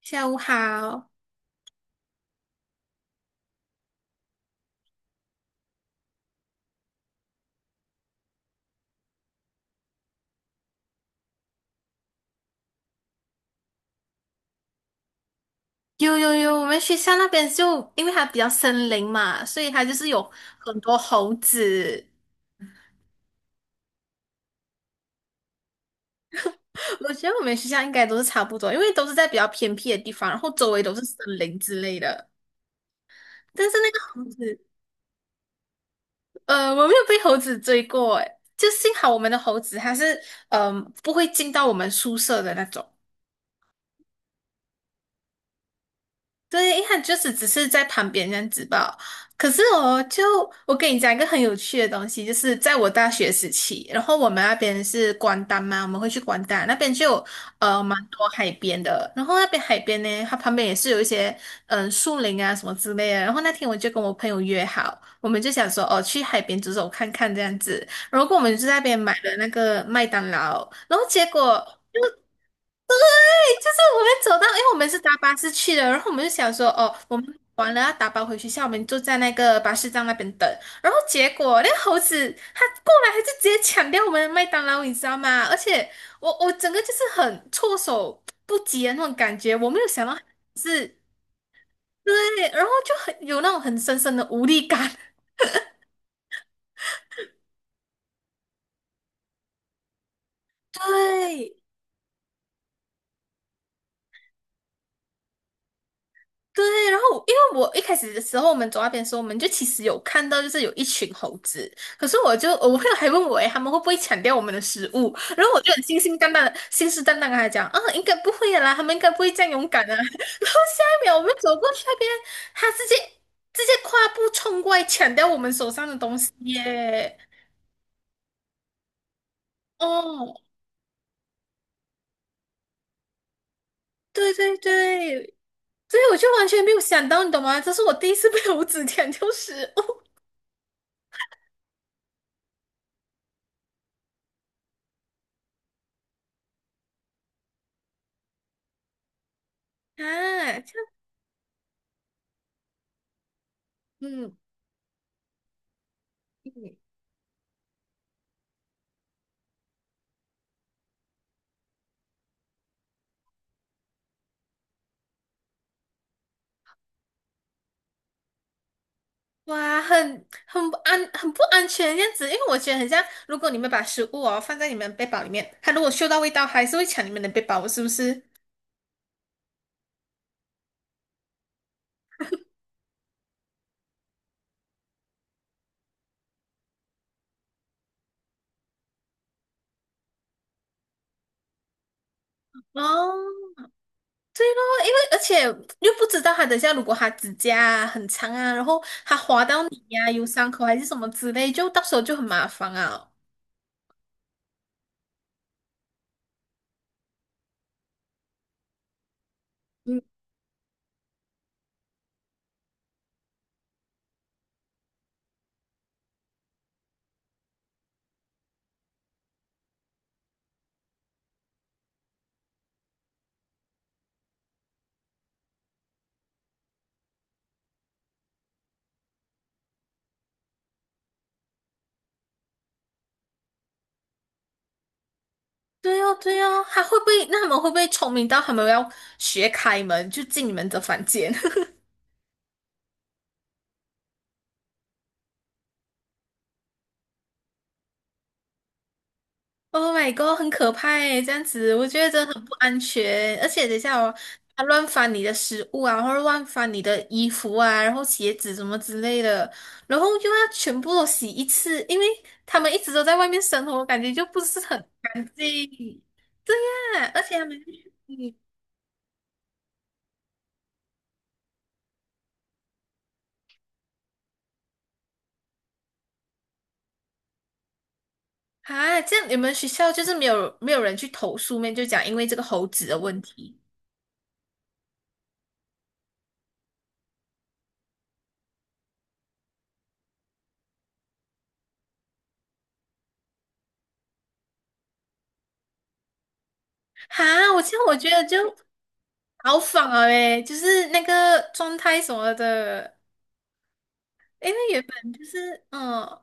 下午好，有，我们学校那边就因为它比较森林嘛，所以它就是有很多猴子。我觉得我们学校应该都是差不多，因为都是在比较偏僻的地方，然后周围都是森林之类的。但是那个猴子，我没有被猴子追过，诶，就幸好我们的猴子它是，嗯、不会进到我们宿舍的那种。对，他就是只是在旁边这样子吧。可是我就我跟你讲一个很有趣的东西，就是在我大学时期，然后我们那边是关丹嘛，我们会去关丹那边就有蛮多海边的，然后那边海边呢，它旁边也是有一些树林啊什么之类的。然后那天我就跟我朋友约好，我们就想说哦去海边走走看看这样子，然后我们就在那边买了那个麦当劳，然后结果。就是我们走到，因为我们是搭巴士去的，然后我们就想说，哦，我们完了要打包回学校，我们就在那个巴士站那边等。然后结果那个猴子它过来，它就直接抢掉我们的麦当劳，你知道吗？而且我 我整个就是很措手不及的那种感觉，我没有想到是，对，然后就很有那种很深深的无力感。对，对，然后因为我一开始的时候，我们走那边的时候，我们就其实有看到，就是有一群猴子。可是我就我朋友还问我，诶，他们会不会抢掉我们的食物？然后我就很信心淡淡的、信誓旦旦跟他讲，啊，应该不会的啦，他们应该不会这样勇敢的。然后下一秒，我们走过去那边，他直接跨步冲过来抢掉我们手上的东西耶！哦，对对对，所以我就完全没有想到，你懂吗？这是我第一次被猴子抢掉食物。 啊！这样嗯。哇，很不安，很不安全这样子，因为我觉得很像，如果你们把食物哦放在你们的背包里面，它如果嗅到味道，还是会抢你们的背包，是不是？哦，对咯，因为而且又不知道它等下如果它指甲啊很长啊，然后它划到你呀、有伤口还是什么之类，就到时候就很麻烦啊。嗯，对哦，对哦，它会不会？那他们会不会聪明到他们要学开门就进你们的房间？Oh my god，很可怕诶，这样子我觉得真的很不安全。而且等一下哦，他乱翻你的食物啊，或者乱翻你的衣服啊，然后鞋子什么之类的，然后又要全部都洗一次，因为他们一直都在外面生活，感觉就不是很干净。啊，而且他们，嗯，啊，这样你们学校就是没有人去投诉面，就讲因为这个猴子的问题。哈，我这样我觉得就好仿了诶，就是那个状态什么的。因为原本就是，嗯，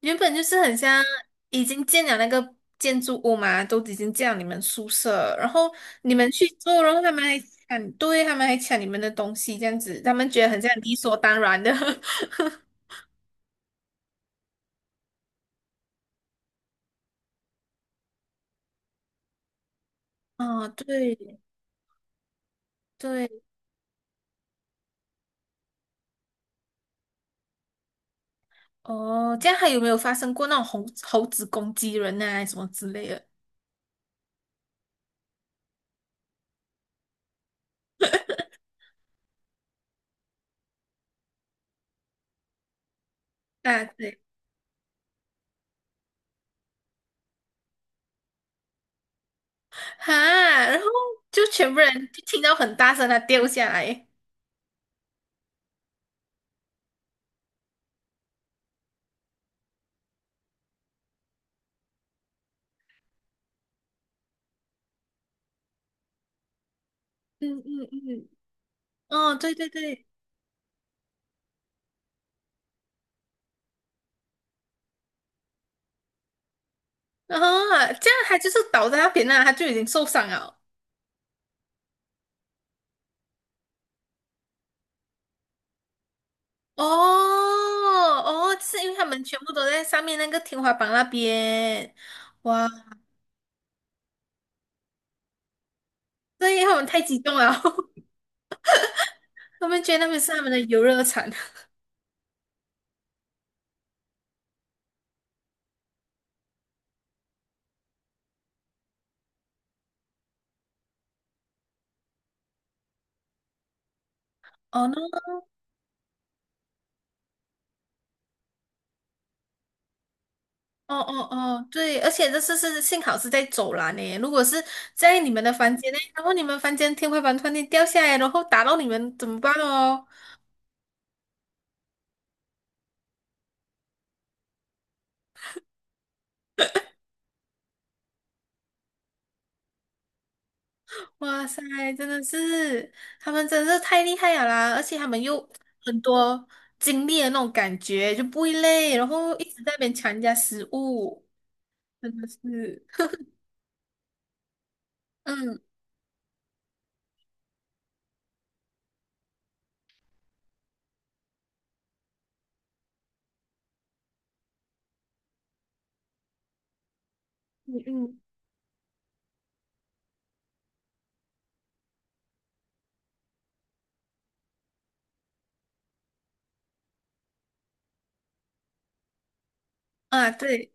原本就是很像已经建了那个建筑物嘛，都已经建了你们宿舍，然后你们去做，然后他们还抢，对，他们还抢你们的东西，这样子，他们觉得很像理所当然的。哦，对对，哦，这样还有没有发生过那种猴子攻击人啊，什么之类的？啊，对，哈，然后就全部人就听到很大声，它掉下来。嗯嗯嗯，哦，对对对。啊，这样他就是倒在那边那，他就已经受伤了。哦哦，是因为他们全部都在上面那个天花板那边，哇，对，因他们太激动了，他们觉得那边是他们的游乐场。哦，那哦哦哦，对，而且这次是幸好是在走廊呢，如果是在你们的房间内，然后你们房间天花板突然间掉下来，然后打到你们怎么办哦？哇塞，真的是，他们真的是太厉害了啦！而且他们又很多经历的那种感觉，就不会累，然后一直在那边抢人家食物，真的是，嗯嗯嗯，啊对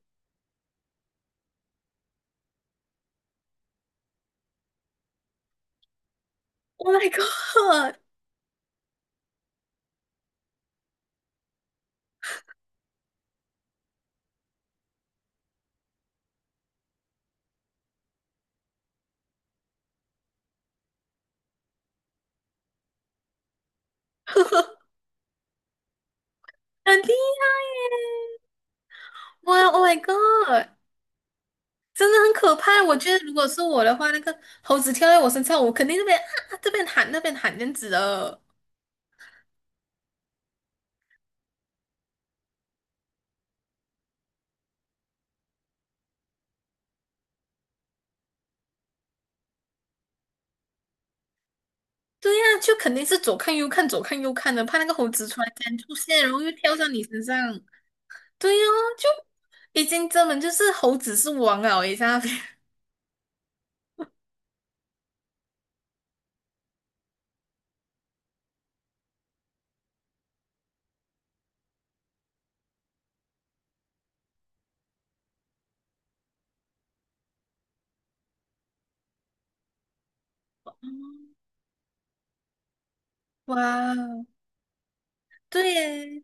，Oh my God，很厉害耶！哇，Oh my God，真的很可怕。我觉得如果是我的话，那个猴子跳在我身上，我肯定这边啊啊这边喊那边喊这样子的。对呀、就肯定是左看右看，左看右看的，怕那个猴子突然间出现，然后又跳到你身上。对呀、就已经根本就是猴子是王了诶，在那边。哇，对耶，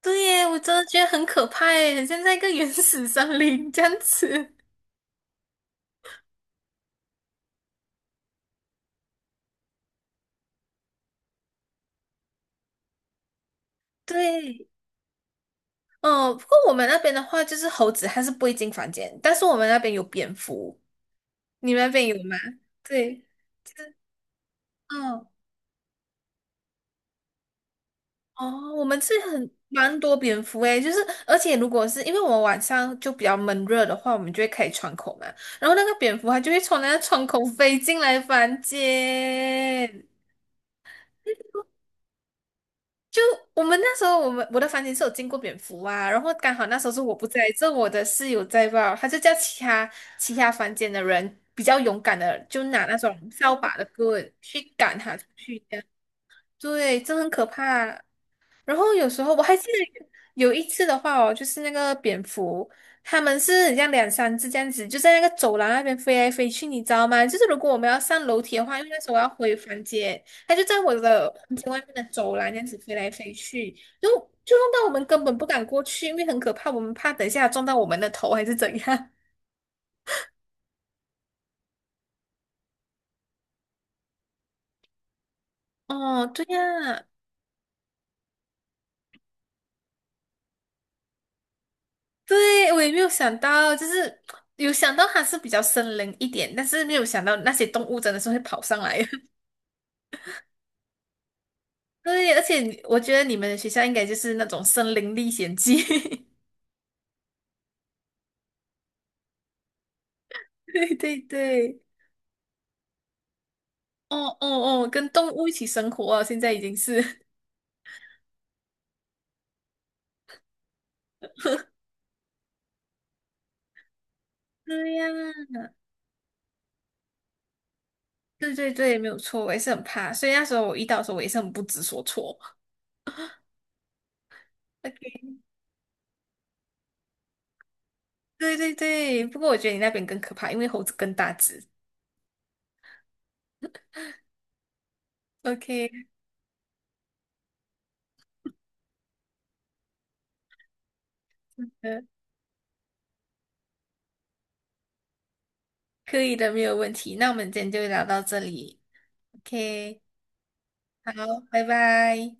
对耶，我真的觉得很可怕耶，很像在一个原始森林这样子。对，嗯，不过我们那边的话，就是猴子它是不会进房间，但是我们那边有蝙蝠，你们那边有吗？对，就是嗯。哦哦，我们是蛮多蝙蝠诶，就是而且如果是因为我们晚上就比较闷热的话，我们就会开窗口嘛，然后那个蝙蝠它就会从那个窗口飞进来房间。就我们那时候，我的房间是有进过蝙蝠啊，然后刚好那时候是我不在，这我的室友在吧，他就叫其他房间的人比较勇敢的，就拿那种扫把的棍去赶它出去，这样对，这很可怕。然后有时候我还记得有一次的话哦，就是那个蝙蝠，它们是很像两三只这样子，就在那个走廊那边飞来飞去，你知道吗？就是如果我们要上楼梯的话，因为那时候我要回房间，它就在我的房间外面的走廊这样子飞来飞去，就就弄到我们根本不敢过去，因为很可怕，我们怕等一下撞到我们的头还是怎样。哦，对呀，对，我也没有想到，就是有想到它是比较森林一点，但是没有想到那些动物真的是会跑上来。对，而且你我觉得你们的学校应该就是那种森林历险记，对对对，哦哦哦，跟动物一起生活啊，现在已经是，对呀，对对对，没有错，我也是很怕，所以那时候我遇到的时候，我也是很不知所措。OK，对对对，不过我觉得你那边更可怕，因为猴子更大只。OK，呃，可以的，没有问题。那我们今天就聊到这里。OK，好，拜拜。